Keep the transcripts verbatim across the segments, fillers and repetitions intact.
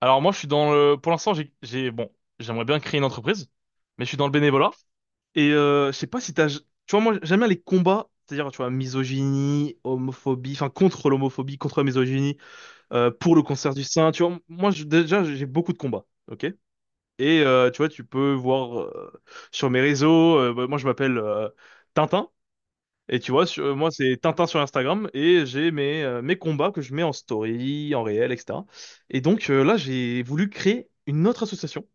Alors moi, je suis dans le... Pour l'instant, j'ai... j'ai- Bon, j'aimerais bien créer une entreprise, mais je suis dans le bénévolat. Et euh, je sais pas si t'as... Tu vois, moi, j'aime bien les combats, c'est-à-dire, tu vois, misogynie, homophobie, enfin, contre l'homophobie, contre la misogynie, euh, pour le cancer du sein, tu vois. Moi, je- déjà, j'ai beaucoup de combats, ok? Et euh, tu vois, tu peux voir euh, sur mes réseaux, euh, bah, moi, je m'appelle euh, Tintin. Et tu vois, sur- euh, moi, c'est Tintin sur Instagram et j'ai mes, euh, mes combats que je mets en story, en réel, et cetera. Et donc euh, là, j'ai voulu créer une autre association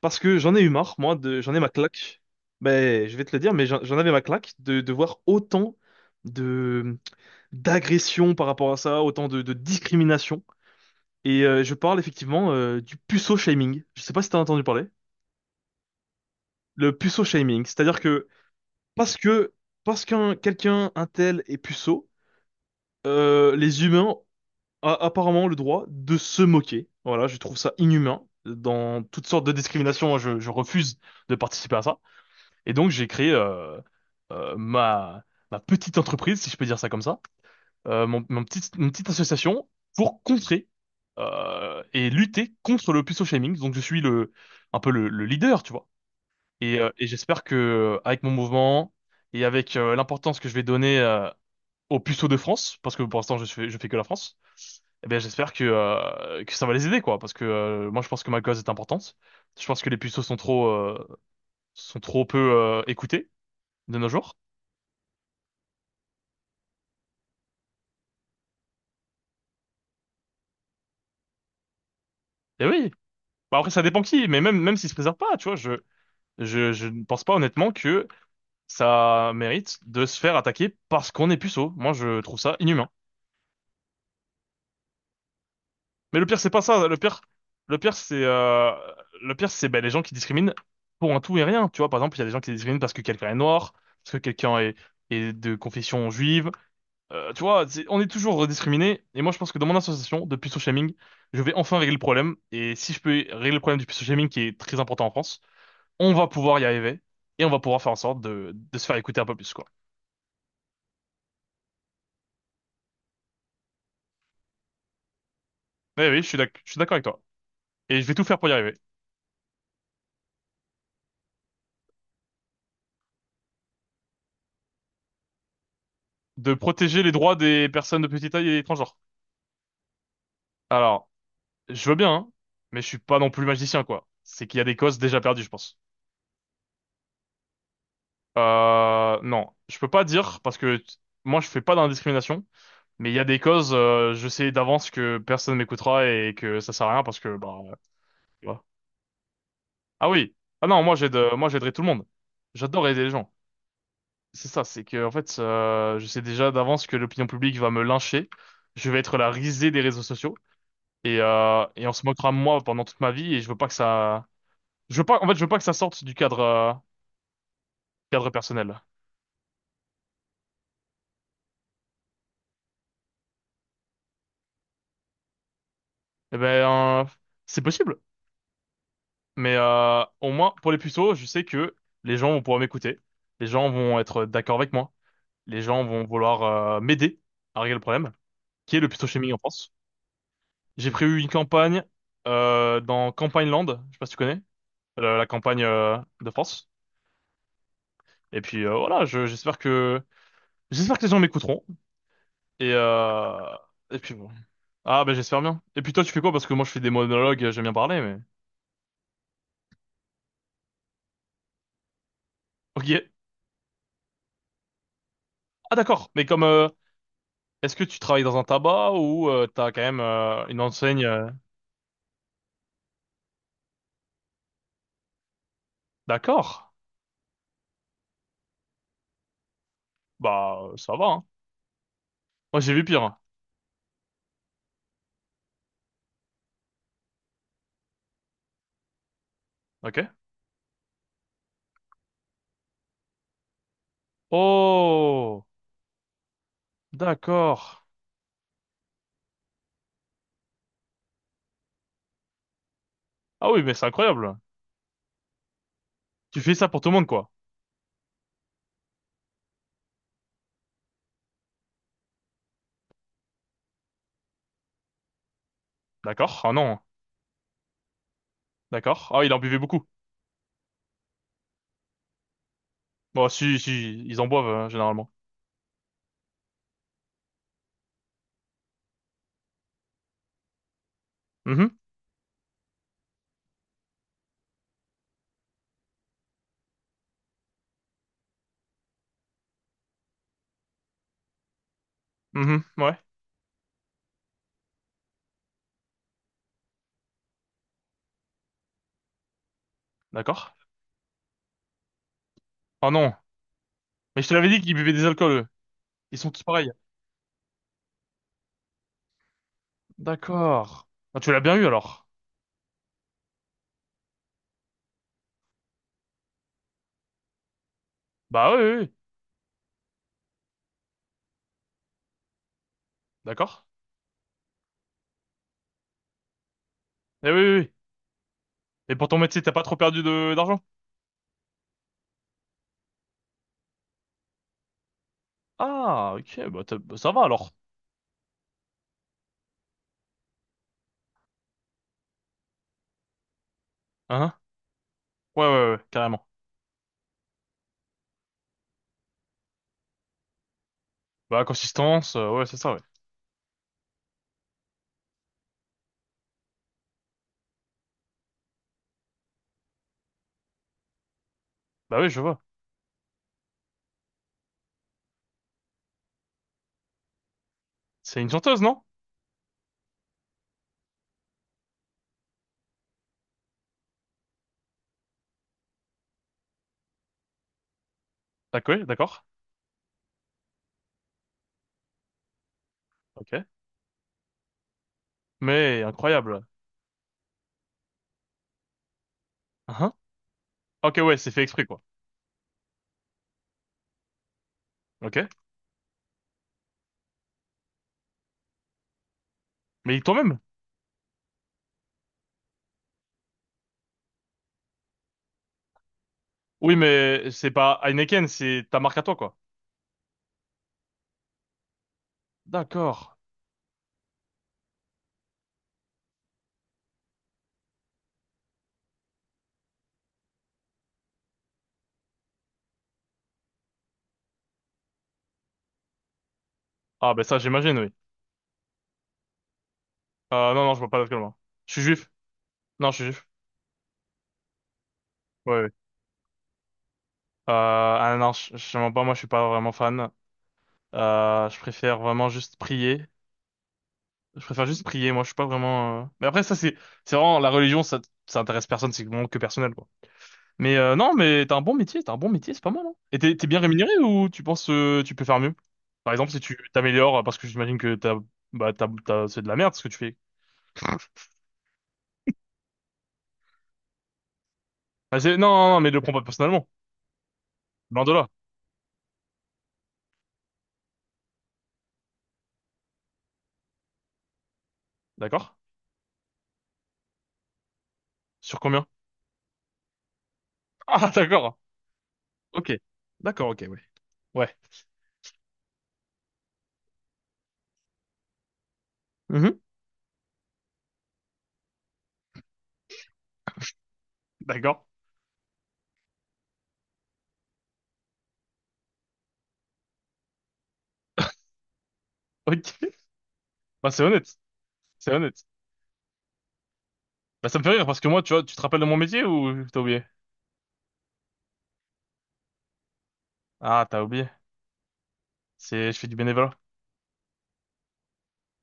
parce que j'en ai eu marre, moi, de, j'en ai ma claque. Ben, je vais te le dire, mais j'en j'en avais ma claque de, de voir autant de d'agressions par rapport à ça, autant de, de discrimination. Et euh, je parle effectivement euh, du puceau shaming. Je sais pas si t'as entendu parler. Le puceau shaming, c'est-à-dire que parce que parce qu'un quelqu'un un tel est puceau euh, les humains a apparemment le droit de se moquer. Voilà, je trouve ça inhumain. Dans toutes sortes de discriminations, je, je refuse de participer à ça. Et donc, j'ai créé euh, euh, ma, ma petite entreprise, si je peux dire ça comme ça, euh, mon, mon petit, une petite association pour contrer euh, et lutter contre le puceau shaming. Donc, je suis le, un peu le, le leader, tu vois. Et, euh, et j'espère que euh, avec mon mouvement et avec euh, l'importance que je vais donner euh, aux puceaux de France, parce que pour l'instant, je fais, je fais que la France eh bien, j'espère que, euh, que ça va les aider, quoi, parce que euh, moi, je pense que ma cause est importante. Je pense que les puceaux sont trop, euh, sont trop peu euh, écoutés de nos jours. Et oui. Bah, après, ça dépend qui, mais même, même s'ils se préservent pas, tu vois, je, je, je ne pense pas honnêtement que ça mérite de se faire attaquer parce qu'on est puceau. Moi, je trouve ça inhumain. Mais le pire, c'est pas ça. Le pire, le pire, c'est euh, le pire, c'est ben, les gens qui discriminent pour un tout et rien. Tu vois, par exemple, il y a des gens qui discriminent parce que quelqu'un est noir, parce que quelqu'un est, est de confession juive. Euh, tu vois, c'est- on est toujours discriminé. Et moi, je pense que dans mon association de puceau shaming, je vais enfin régler le problème. Et si je peux régler le problème du puceau shaming, qui est très important en France, on va pouvoir y arriver. Et on va pouvoir faire en sorte de, de se faire écouter un peu plus, quoi. Oui oui, je suis d'ac- je suis d'accord avec toi. Et je vais tout faire pour y arriver. De protéger les droits des personnes de petite taille et transgenres. Alors, je veux bien, hein, mais je suis pas non plus magicien, quoi. C'est qu'il y a des causes déjà perdues, je pense. Euh, non, je peux pas dire, parce que t- moi, je fais pas d'indiscrimination. Mais il y a des causes, euh, je sais d'avance que personne m'écoutera et que ça sert à rien parce que, bah, euh, tu vois. Ah oui. Ah non, moi j'aide, euh, moi j'aiderai tout le monde. J'adore aider les gens. C'est ça, c'est que, en fait, euh, je sais déjà d'avance que l'opinion publique va me lyncher. Je vais être la risée des réseaux sociaux et, euh, et on se moquera de moi pendant toute ma vie et je veux pas que ça, je veux pas, en fait, je veux pas que ça sorte du cadre, euh, cadre personnel. Eh ben, euh, c'est possible. Mais, euh, au moins, pour les puceaux, je sais que les gens vont pouvoir m'écouter. Les gens vont être d'accord avec moi. Les gens vont vouloir euh, m'aider à régler le problème, qui est le phytochimie en France. J'ai prévu une campagne euh, dans Campagne Land, je sais pas si tu connais, la, la campagne euh, de France. Et puis euh, voilà, je- j'espère que j'espère que les gens m'écouteront. Et euh, et puis bon. Ah ben j'espère bien. Et puis toi tu fais quoi? Parce que moi je fais des monologues, j'aime bien parler, mais. Ok. Ah d'accord. Mais comme euh, est-ce que tu travailles dans un tabac ou euh, t'as quand même euh, une enseigne? euh, D'accord. Bah euh, ça va, hein. Moi j'ai vu pire, hein. Ok. Oh. D'accord. Ah oui, mais c'est incroyable. Tu fais ça pour tout le monde, quoi. D'accord. Ah non. D'accord. Ah, il en buvait beaucoup. Bon, si, si, ils en boivent, euh, généralement. Mhm. Mhm. Ouais. D'accord. Ah non. Mais je te l'avais dit qu'ils buvaient des alcools, eux. Ils sont tous pareils. D'accord. Ah, tu l'as bien eu, alors. Bah oui, oui, oui. D'accord. Eh oui, oui, oui. Et pour ton métier, t'as pas trop perdu de d'argent? Ah, ok. Bah, t'as- bah, ça va, alors. Hein? Ouais, ouais, ouais, carrément. Bah, consistance, euh, ouais, c'est ça, ouais. Bah oui, je vois. C'est une chanteuse, non? D'accord, oui, d'accord. Ok. Mais incroyable. Ah, ah. Ok, ouais, c'est fait exprès, quoi. Ok. Mais toi-même? Oui, mais c'est pas Heineken, c'est ta marque à toi, quoi. D'accord. Ah, ben ça, j'imagine, oui. Euh, non, non, je bois pas d'alcool, moi. Je suis juif. Non, je suis juif. Ouais, ouais. Euh, ah non, je je mens pas, moi, je suis pas vraiment fan. Euh, je préfère vraiment juste prier. Je préfère juste prier, moi, je suis pas vraiment... euh, Mais après, ça, c'est c'est vraiment... La religion, ça, ça intéresse personne, c'est vraiment que personnel, quoi. Mais euh, non, mais t'as un bon métier, t'as un bon métier, c'est pas mal, hein. Et t'es t'es bien rémunéré ou tu penses euh, tu peux faire mieux? Par exemple, si tu t'améliores, parce que j'imagine que t'as, bah, t'as, t'as- c'est de la merde ce que tu fais. Ah, c'est- non, non, non, mais le prends pas personnellement. Loin de là. D'accord? Sur combien? Ah, d'accord. Ok. D'accord, ok, ouais. Ouais. Mhm. D'accord. Ok. Bah, c'est honnête. C'est honnête. Bah, ça me fait rire parce que moi, tu vois, tu te rappelles de mon métier ou t'as oublié? Ah, t'as oublié. C'est, je fais du bénévolat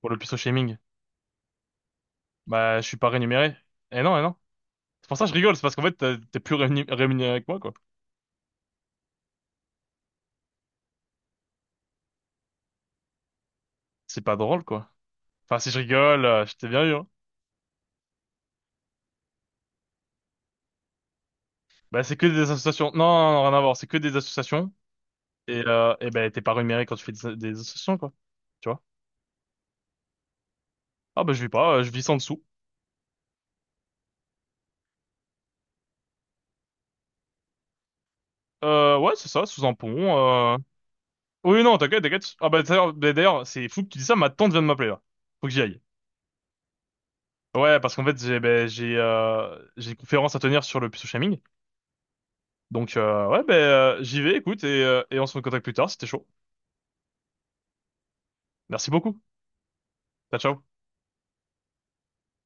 pour le puceau shaming. Bah, je suis pas rémunéré. Eh non, eh non. C'est pour ça que je rigole, c'est parce qu'en fait, t'es t'es plus réuni- rémunéré que moi, quoi. C'est pas drôle, quoi. Enfin, si je rigole, euh, je t'ai bien eu, hein. Bah, c'est que des associations. Non, non, non, rien à voir. C'est que des associations. Et, euh, et ben, t'es pas rémunéré quand tu fais des, des associations, quoi. Tu vois? Ah, bah, je vis pas, euh, je vis sans dessous. Euh, ouais, c'est ça, sous un pont. Euh... Oui, non, t'inquiète, t'inquiète. Ah, bah, d'ailleurs, bah, d'ailleurs, c'est fou que tu dis ça, ma tante vient de m'appeler, là. Faut que j'y aille. Ouais, parce qu'en fait, j'ai, ben, j'ai, euh, j'ai une conférence à tenir sur le pseudo shaming. Donc, euh, ouais, ben, euh, j'y vais, écoute, et, euh, et on se recontacte plus tard, c'était chaud. Merci beaucoup. Ciao, ciao.